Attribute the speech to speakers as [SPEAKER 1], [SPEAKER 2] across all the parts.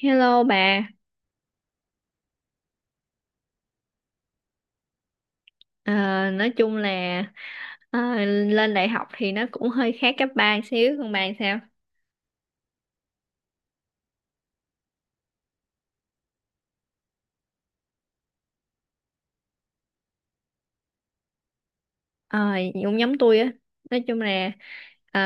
[SPEAKER 1] Hello bà. Ờ, nói chung là ờ, lên đại học thì nó cũng hơi khác cấp ba xíu, còn bà sao? Ờ, cũng giống tôi á, nói chung là ờ,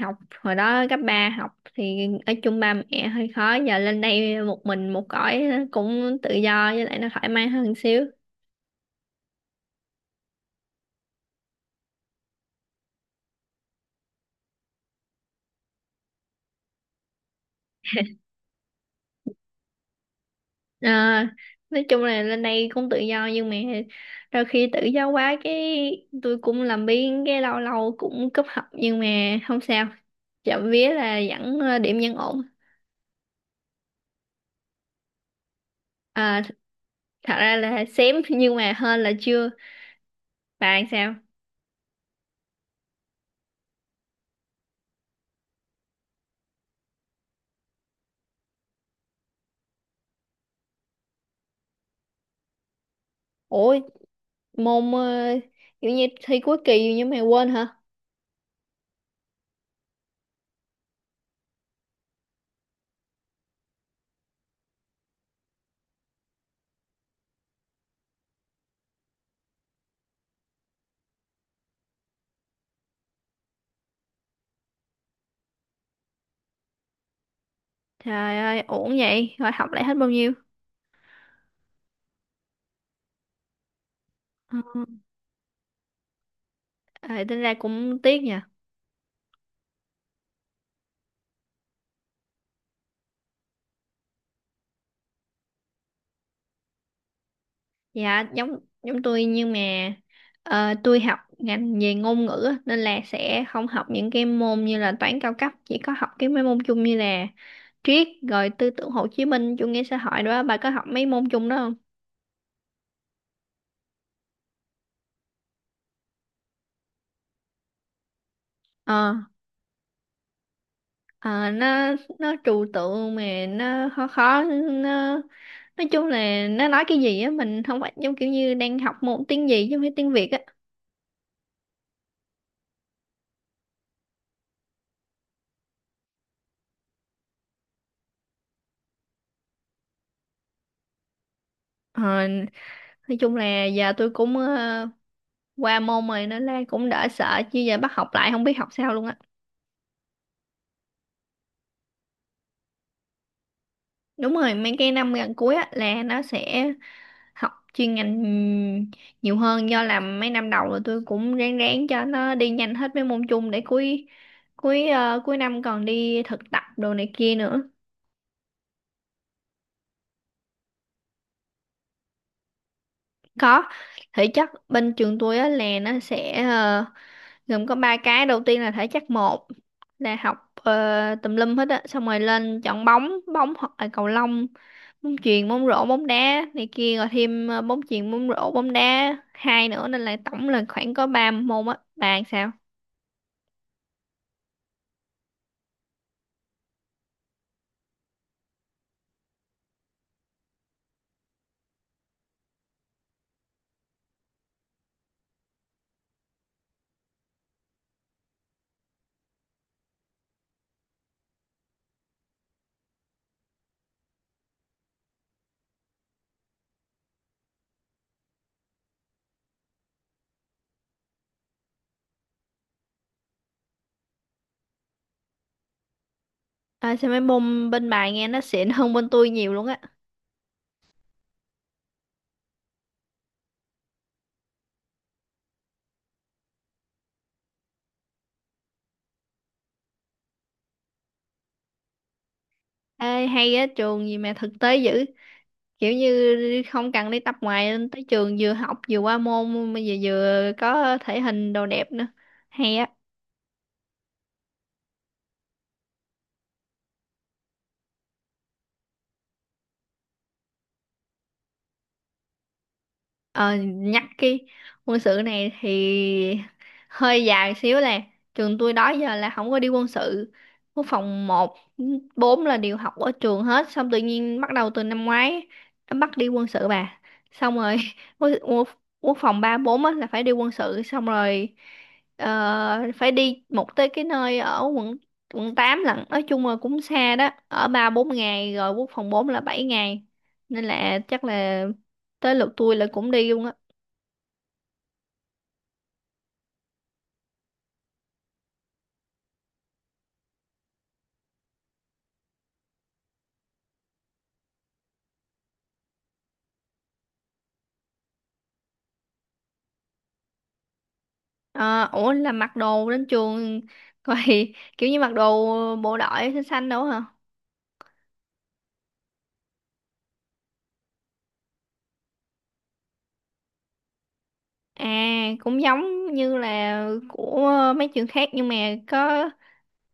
[SPEAKER 1] học hồi đó cấp 3 học thì ở chung ba mẹ hơi khó, giờ lên đây một mình một cõi cũng tự do với lại nó thoải mái hơn xíu. À, nói chung là lên đây cũng tự do nhưng mà đôi khi tự do quá cái tôi cũng làm biếng, cái lâu lâu cũng cúp học nhưng mà không sao, trộm vía là vẫn điểm vẫn ổn. À, thật ra là xém nhưng mà hơn là chưa. Bạn sao? Ủa, môn kiểu như thi cuối kỳ nhưng mà quên hả? Trời ơi, ổn vậy? Rồi học lại hết bao nhiêu? Ờ, à, tính ra cũng tiếc nhỉ. Dạ, giống giống tôi nhưng mà tôi học ngành về ngôn ngữ á, nên là sẽ không học những cái môn như là toán cao cấp, chỉ có học cái mấy môn chung như là triết rồi tư tưởng Hồ Chí Minh, chủ nghĩa xã hội đó. Bà có học mấy môn chung đó không? Ờ nó trừu tượng, mà nó khó khó, nó nói chung là nó nói cái gì á mình không phải, giống kiểu như đang học môn tiếng gì chứ không phải tiếng Việt á. Ờ, nói chung là giờ tôi cũng qua môn rồi nên là cũng đỡ sợ, chứ giờ bắt học lại không biết học sao luôn á. Đúng rồi, mấy cái năm gần cuối á là nó sẽ học chuyên ngành nhiều hơn, do làm mấy năm đầu rồi tôi cũng ráng ráng cho nó đi nhanh hết mấy môn chung để cuối cuối ờ, cuối năm còn đi thực tập đồ này kia nữa. Có, thể chất bên trường tôi á là nó sẽ gồm có ba cái, đầu tiên là thể chất một, là học tùm lum hết á, xong rồi lên chọn bóng bóng hoặc là cầu lông, bóng chuyền, bóng rổ, bóng đá này kia, rồi thêm bóng chuyền, bóng rổ, bóng đá hai nữa, nên là tổng là khoảng có ba môn á. Bạn sao? À, sao mấy môn bên bài nghe nó xịn hơn bên tôi nhiều luôn á. Ê, hay á, trường gì mà thực tế dữ, kiểu như không cần đi tập ngoài, lên tới trường vừa học vừa qua môn mà vừa vừa có thể hình đồ đẹp nữa, hay á. Ờ, nhắc cái quân sự này thì hơi dài xíu, là trường tôi đó giờ là không có đi quân sự, quốc phòng một bốn là đều học ở trường hết, xong tự nhiên bắt đầu từ năm ngoái nó bắt đi quân sự bà, xong rồi quốc, quốc, quốc phòng ba bốn á là phải đi quân sự, xong rồi phải đi một tới cái nơi ở quận quận 8 lận, nói chung là cũng xa đó, ở 3-4 ngày, rồi quốc phòng 4 là 7 ngày, nên là chắc là tới lượt tôi là cũng đi luôn á. À, ủa là mặc đồ đến trường vậy? Kiểu như mặc đồ bộ đội xanh xanh đâu hả? À, cũng giống như là của mấy trường khác nhưng mà có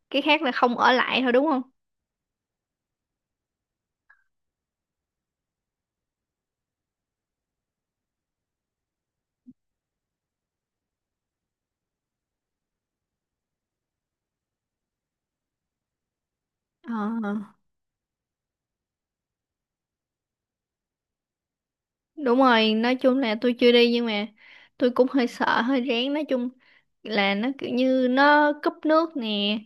[SPEAKER 1] cái khác là không ở lại thôi, đúng không? Ờ. Đúng rồi, nói chung là tôi chưa đi nhưng mà tôi cũng hơi sợ, hơi rén. Nói chung là nó kiểu như nó cúp nước nè,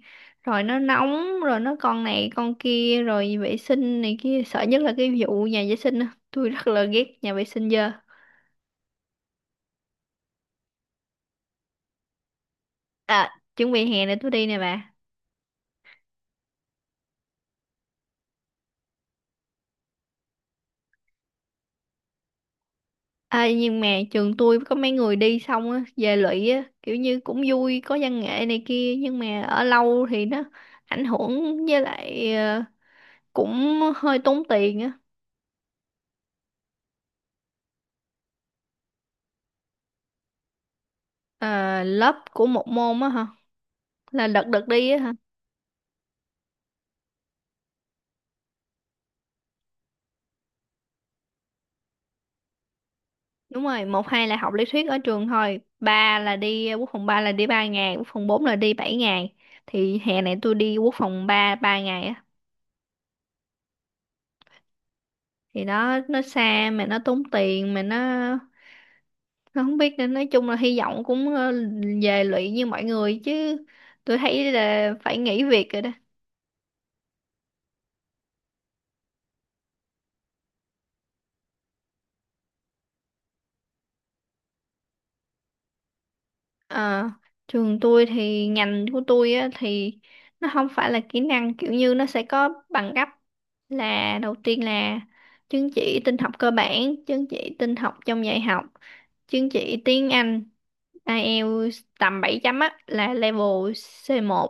[SPEAKER 1] rồi nó nóng, rồi nó con này con kia, rồi vệ sinh này kia. Sợ nhất là cái vụ nhà vệ sinh á. Tôi rất là ghét nhà vệ sinh dơ. À, chuẩn bị hè này tôi đi nè bà. À, nhưng mà trường tôi có mấy người đi xong á, về lụy á, kiểu như cũng vui, có văn nghệ này kia. Nhưng mà ở lâu thì nó ảnh hưởng, với lại cũng hơi tốn tiền á. Ờ, lớp của một môn á hả? Là đợt đợt đi á hả? Đúng rồi, một hai là học lý thuyết ở trường thôi, ba là đi, à, quốc phòng ba là đi 3 ngày, quốc phòng bốn là đi 7 ngày, thì hè này tôi đi quốc phòng ba 3 ngày á. Thì nó xa mà nó tốn tiền, mà nó không biết, nên nói chung là hy vọng cũng về lụy như mọi người, chứ tôi thấy là phải nghỉ việc rồi đó. Ờ, trường tôi thì ngành của tôi á, thì nó không phải là kỹ năng, kiểu như nó sẽ có bằng cấp. Là đầu tiên là chứng chỉ tin học cơ bản, chứng chỉ tin học trong dạy học, chứng chỉ tiếng Anh IELTS tầm 7.0 á là level C1,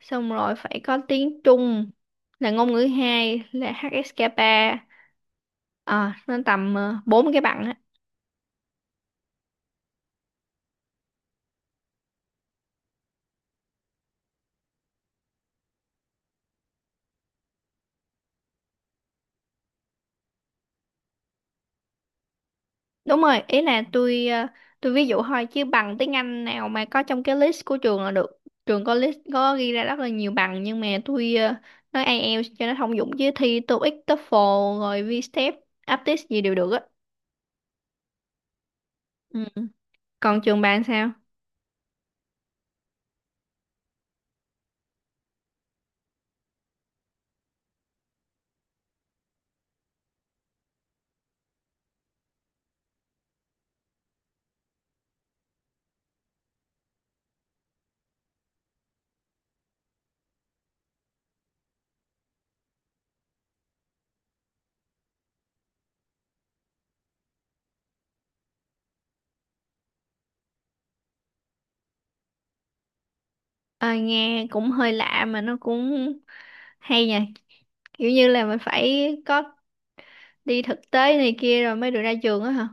[SPEAKER 1] xong rồi phải có tiếng Trung là ngôn ngữ 2 là HSK3. À, nó tầm 4 cái bằng. Đúng rồi, ý là tôi ví dụ thôi, chứ bằng tiếng Anh nào mà có trong cái list của trường là được. Trường có list có ghi ra rất là nhiều bằng nhưng mà tôi nói IELTS cho nó thông dụng, chứ thi TOEIC, TOEFL rồi VSTEP, aptis gì đều được á. Ừ. Còn trường bạn sao? Ờ, nghe cũng hơi lạ mà nó cũng hay nha. Kiểu như là mình phải có đi thực tế này kia rồi mới được ra trường á hả?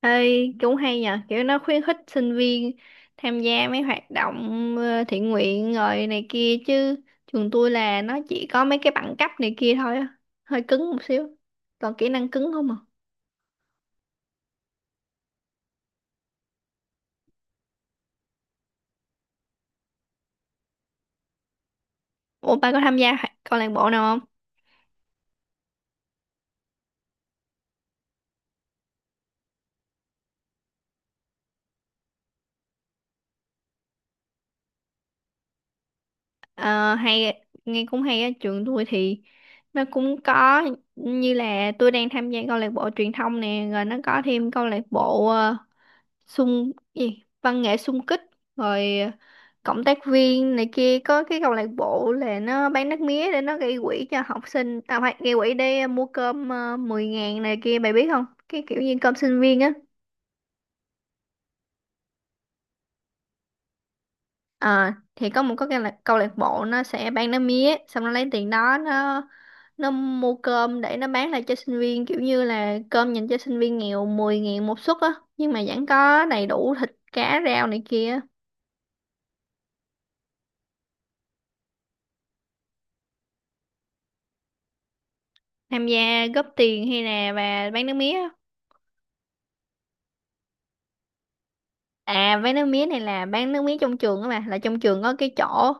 [SPEAKER 1] Ê, cũng hay nhờ, kiểu nó khuyến khích sinh viên tham gia mấy hoạt động thiện nguyện rồi này kia, chứ trường tôi là nó chỉ có mấy cái bằng cấp này kia thôi á, hơi cứng một xíu, còn kỹ năng cứng không à. Ủa, ba có tham gia câu lạc bộ nào không? Ờ, hay, nghe cũng hay á. Trường tôi thì nó cũng có, như là tôi đang tham gia câu lạc bộ truyền thông nè, rồi nó có thêm câu lạc bộ xung gì, văn nghệ xung kích, rồi cộng tác viên này kia. Có cái câu lạc bộ là nó bán nước mía để nó gây quỹ cho học sinh, tao phải gây quỹ để mua cơm, 10 ngàn này kia, mày biết không, cái kiểu như cơm sinh viên á. Ờ, thì có cái câu lạc bộ nó sẽ bán nước mía, xong nó lấy tiền đó nó mua cơm để nó bán lại cho sinh viên, kiểu như là cơm dành cho sinh viên nghèo, 10.000 một suất á, nhưng mà vẫn có đầy đủ thịt cá rau này kia. Tham gia góp tiền hay là bà bán nước mía? À, bán nước mía này là bán nước mía trong trường á bà, là trong trường có cái chỗ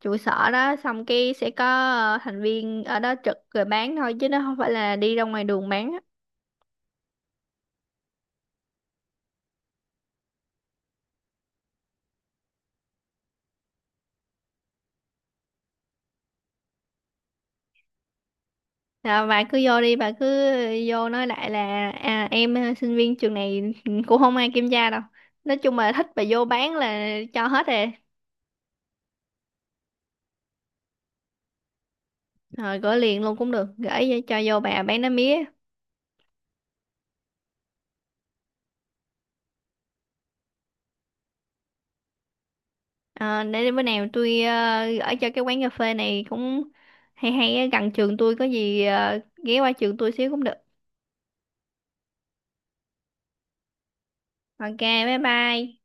[SPEAKER 1] trụ sở đó, xong cái sẽ có thành viên ở đó trực rồi bán thôi, chứ nó không phải là đi ra ngoài đường bán á. Rồi bà cứ vô đi, bà cứ vô nói lại là, à, em sinh viên trường này, cũng không ai kiểm tra đâu, nói chung là thích, bà vô bán là cho hết rồi. Rồi gửi liền luôn cũng được, gửi cho vô bà bán nước mía. Ờ, để bữa nào tôi gửi cho cái quán cà phê này cũng hay hay, ở gần trường tôi, có gì ghé qua trường tôi xíu cũng được. Ok, bye bye.